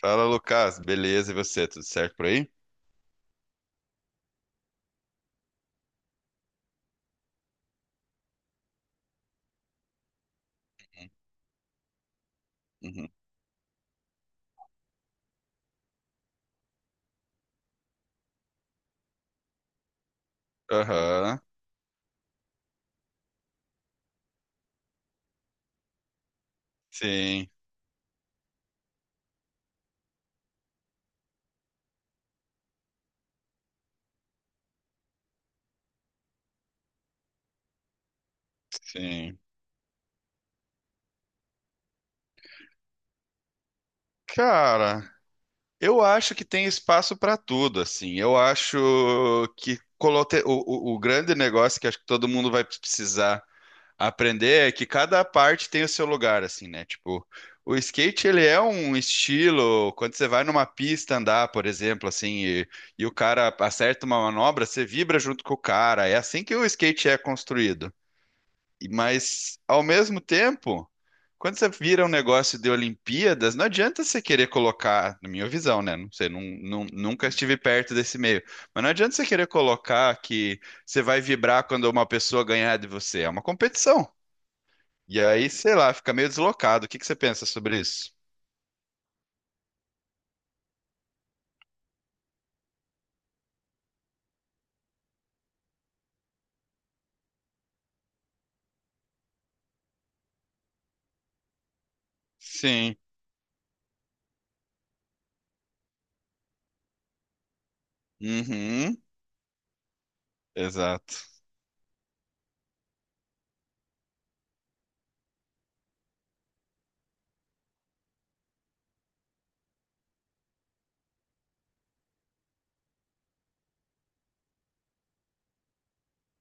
Fala, Lucas. Beleza, e você? Tudo certo por aí? Uhum. Aham. Sim, sim. Cara, eu acho que tem espaço para tudo, assim. Eu acho que o grande negócio que acho que todo mundo vai precisar aprender é que cada parte tem o seu lugar, assim, né? Tipo, o skate, ele é um estilo, quando você vai numa pista andar, por exemplo, assim, e o cara acerta uma manobra, você vibra junto com o cara. É assim que o skate é construído. Mas, ao mesmo tempo, quando você vira um negócio de Olimpíadas, não adianta você querer colocar, na minha visão, né? Não sei, nunca estive perto desse meio. Mas não adianta você querer colocar que você vai vibrar quando uma pessoa ganhar de você. É uma competição. E aí, sei lá, fica meio deslocado. O que que você pensa sobre isso? Sim. Uhum. Exato.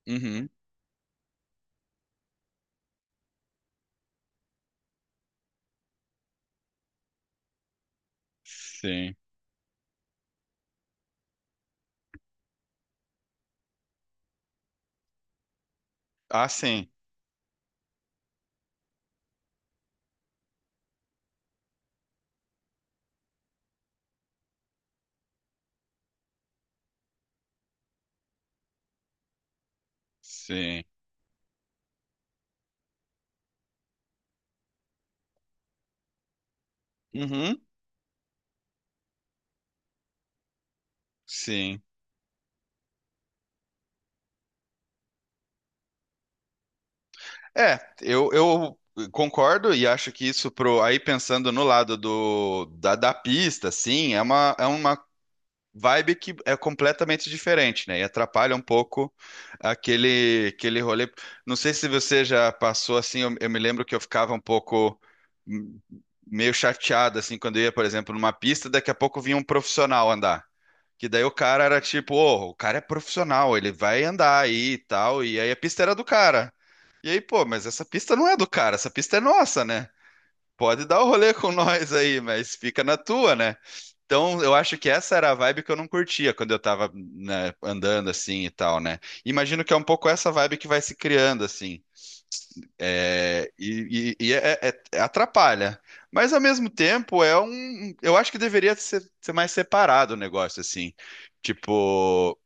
Uhum. Sim. Ah, sim. Sim. Uhum. Sim. É, eu concordo e acho que isso pro aí pensando no lado do da pista, sim, é uma vibe que é completamente diferente, né? E atrapalha um pouco aquele rolê. Não sei se você já passou assim, eu me lembro que eu ficava um pouco hum, meio chateado assim quando eu ia, por exemplo, numa pista, daqui a pouco vinha um profissional andar. Que daí o cara era tipo, ô, o cara é profissional, ele vai andar aí e tal, e aí a pista era do cara. E aí, pô, mas essa pista não é do cara, essa pista é nossa, né? Pode dar o rolê com nós aí, mas fica na tua, né? Então, eu acho que essa era a vibe que eu não curtia quando eu tava, né, andando assim e tal, né? Imagino que é um pouco essa vibe que vai se criando, assim. É, atrapalha. Mas, ao mesmo tempo, é um. Eu acho que deveria ser, mais separado o negócio, assim. Tipo.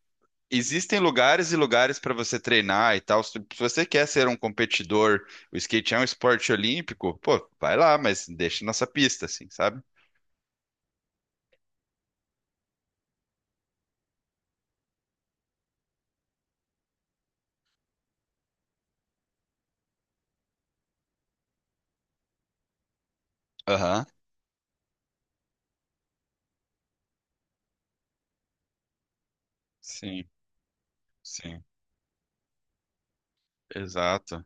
Existem lugares e lugares para você treinar e tal. Se você quer ser um competidor, o skate é um esporte olímpico, pô, vai lá, mas deixa nossa pista, assim, sabe? Aham. Sim, sim, exato.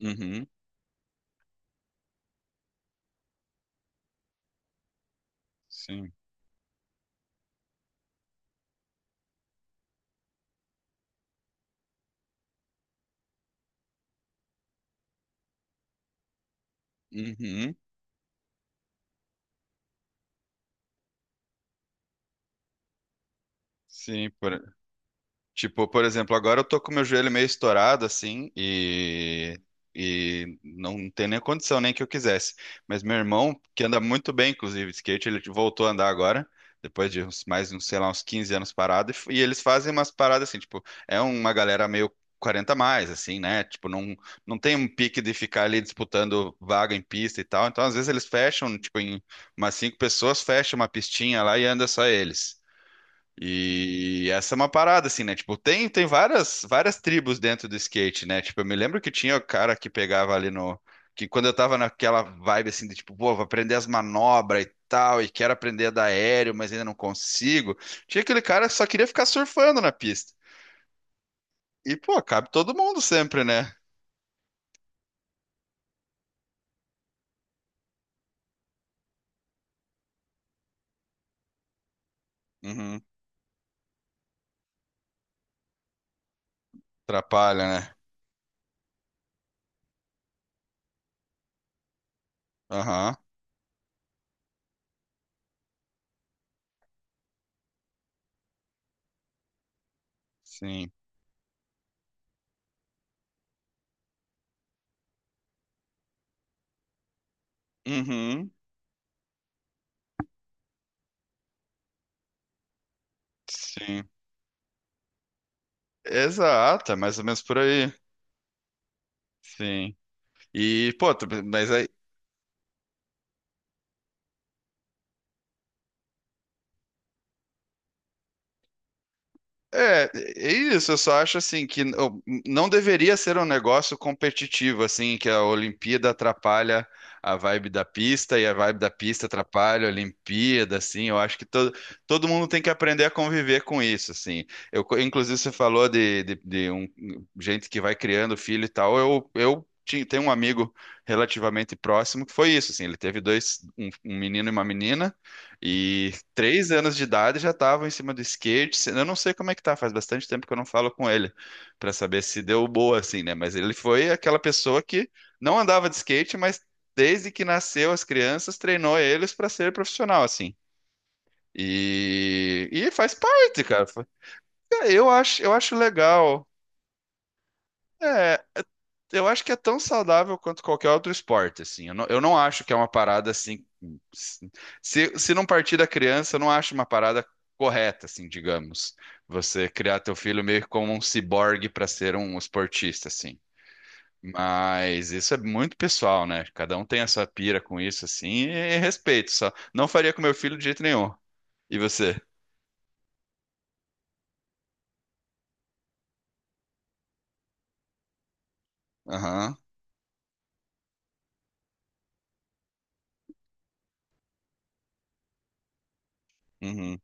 Uhum, sim, uhum, sim, por Tipo, por exemplo, agora eu tô com meu joelho meio estourado, assim, e não tem nem condição, nem que eu quisesse. Mas meu irmão, que anda muito bem, inclusive, de skate, ele voltou a andar agora, depois de uns, mais, uns, sei lá, uns 15 anos parado, e eles fazem umas paradas assim, tipo, é uma galera meio 40 a mais, assim, né? Tipo, não, não tem um pique de ficar ali disputando vaga em pista e tal. Então, às vezes, eles fecham, tipo, em umas cinco pessoas, fecha uma pistinha lá e anda só eles. E essa é uma parada, assim, né? Tipo, tem várias, tribos dentro do skate, né? Tipo, eu me lembro que tinha o cara que pegava ali no. Que quando eu tava naquela vibe, assim, de tipo, pô, vou aprender as manobras e tal, e quero aprender a dar aéreo, mas ainda não consigo. Tinha aquele cara que só queria ficar surfando na pista. E, pô, cabe todo mundo sempre, né? Uhum. Atrapalha, né? Aham. Sim. Uhum. Sim. Exato, é mais ou menos por aí. Sim. E, pô, mas aí é, é isso, eu só acho assim que não deveria ser um negócio competitivo, assim, que a Olimpíada atrapalha a vibe da pista e a vibe da pista atrapalha a Olimpíada, assim, eu acho que todo, todo mundo tem que aprender a conviver com isso, assim. Eu, inclusive, você falou de um, gente que vai criando filho e tal, eu tinha, tenho um amigo relativamente próximo que foi isso, assim, ele teve dois, um menino e uma menina, e 3 anos de idade já estavam em cima do skate. Eu não sei como é que tá, faz bastante tempo que eu não falo com ele para saber se deu boa assim, né? Mas ele foi aquela pessoa que não andava de skate, mas desde que nasceu as crianças treinou eles para ser profissional assim. E faz parte, cara. Eu acho legal. É, Eu acho que é tão saudável quanto qualquer outro esporte, assim. Eu não acho que é uma parada assim. Se não partir da criança, eu não acho uma parada correta, assim, digamos. Você criar teu filho meio que como um ciborgue para ser um esportista, assim. Mas isso é muito pessoal, né? Cada um tem a sua pira com isso, assim, e respeito só. Não faria com meu filho de jeito nenhum. E você? Aham. Uhum.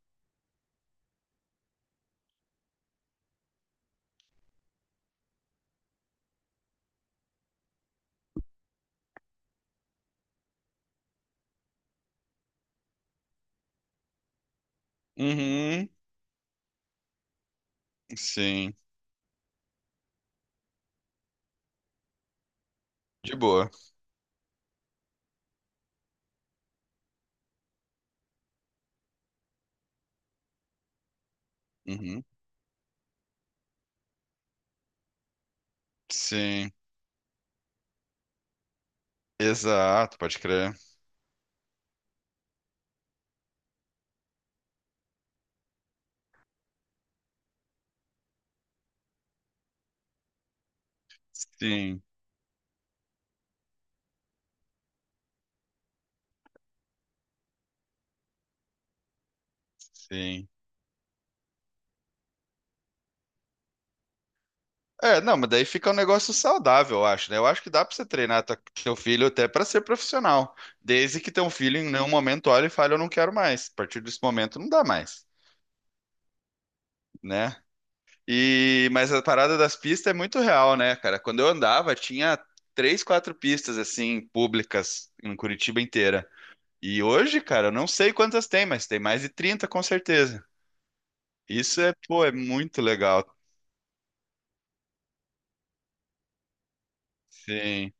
Uhum. Sim. De boa. Uhum. Sim. Exato, pode crer. Sim, sim. É, não, mas daí fica um negócio saudável, eu acho, né? Eu acho que dá pra você treinar teu filho até pra ser profissional, desde que teu filho em nenhum momento olhe e fale, eu não quero mais. A partir desse momento não dá mais, né? E mas a parada das pistas é muito real, né, cara? Quando eu andava, tinha três, quatro pistas assim públicas em Curitiba inteira. E hoje, cara, eu não sei quantas tem, mas tem mais de 30 com certeza. Isso é, pô, é muito legal. Sim,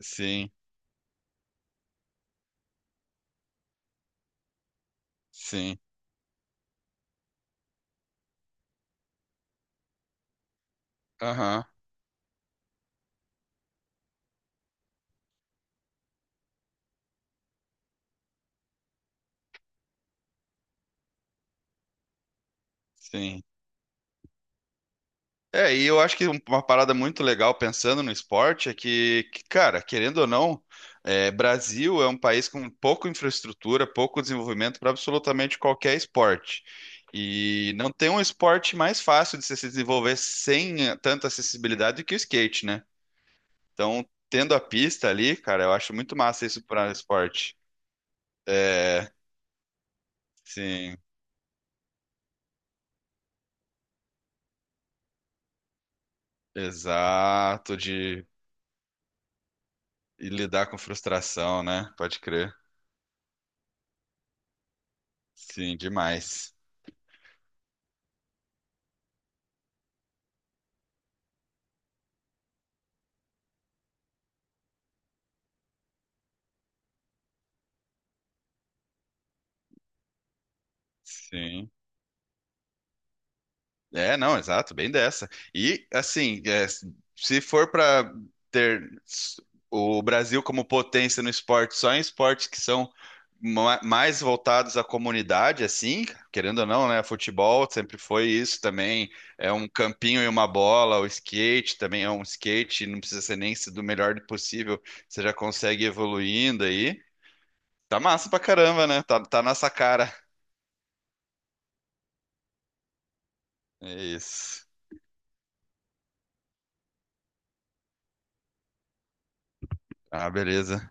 sim, sim. Aham. Sim. É, e eu acho que uma parada muito legal pensando no esporte é que, cara, querendo ou não, é, Brasil é um país com pouca infraestrutura, pouco desenvolvimento para absolutamente qualquer esporte. E não tem um esporte mais fácil de se desenvolver sem tanta acessibilidade que o skate, né? Então, tendo a pista ali, cara, eu acho muito massa isso para esporte. É, sim, exato, de e lidar com frustração, né? Pode crer. Sim, demais. Sim. É, não, exato, bem dessa. E, assim, é, se for para ter s- o Brasil como potência no esporte, só em esportes que são mais voltados à comunidade, assim, querendo ou não, né? Futebol sempre foi isso também. É um campinho e uma bola, o skate também é um skate, não precisa ser nem do melhor possível, você já consegue ir evoluindo aí. Tá massa pra caramba, né? Tá, tá nessa cara. É isso. Ah, beleza.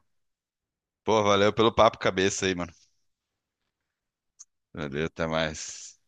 Pô, valeu pelo papo cabeça aí, mano. Valeu, até mais.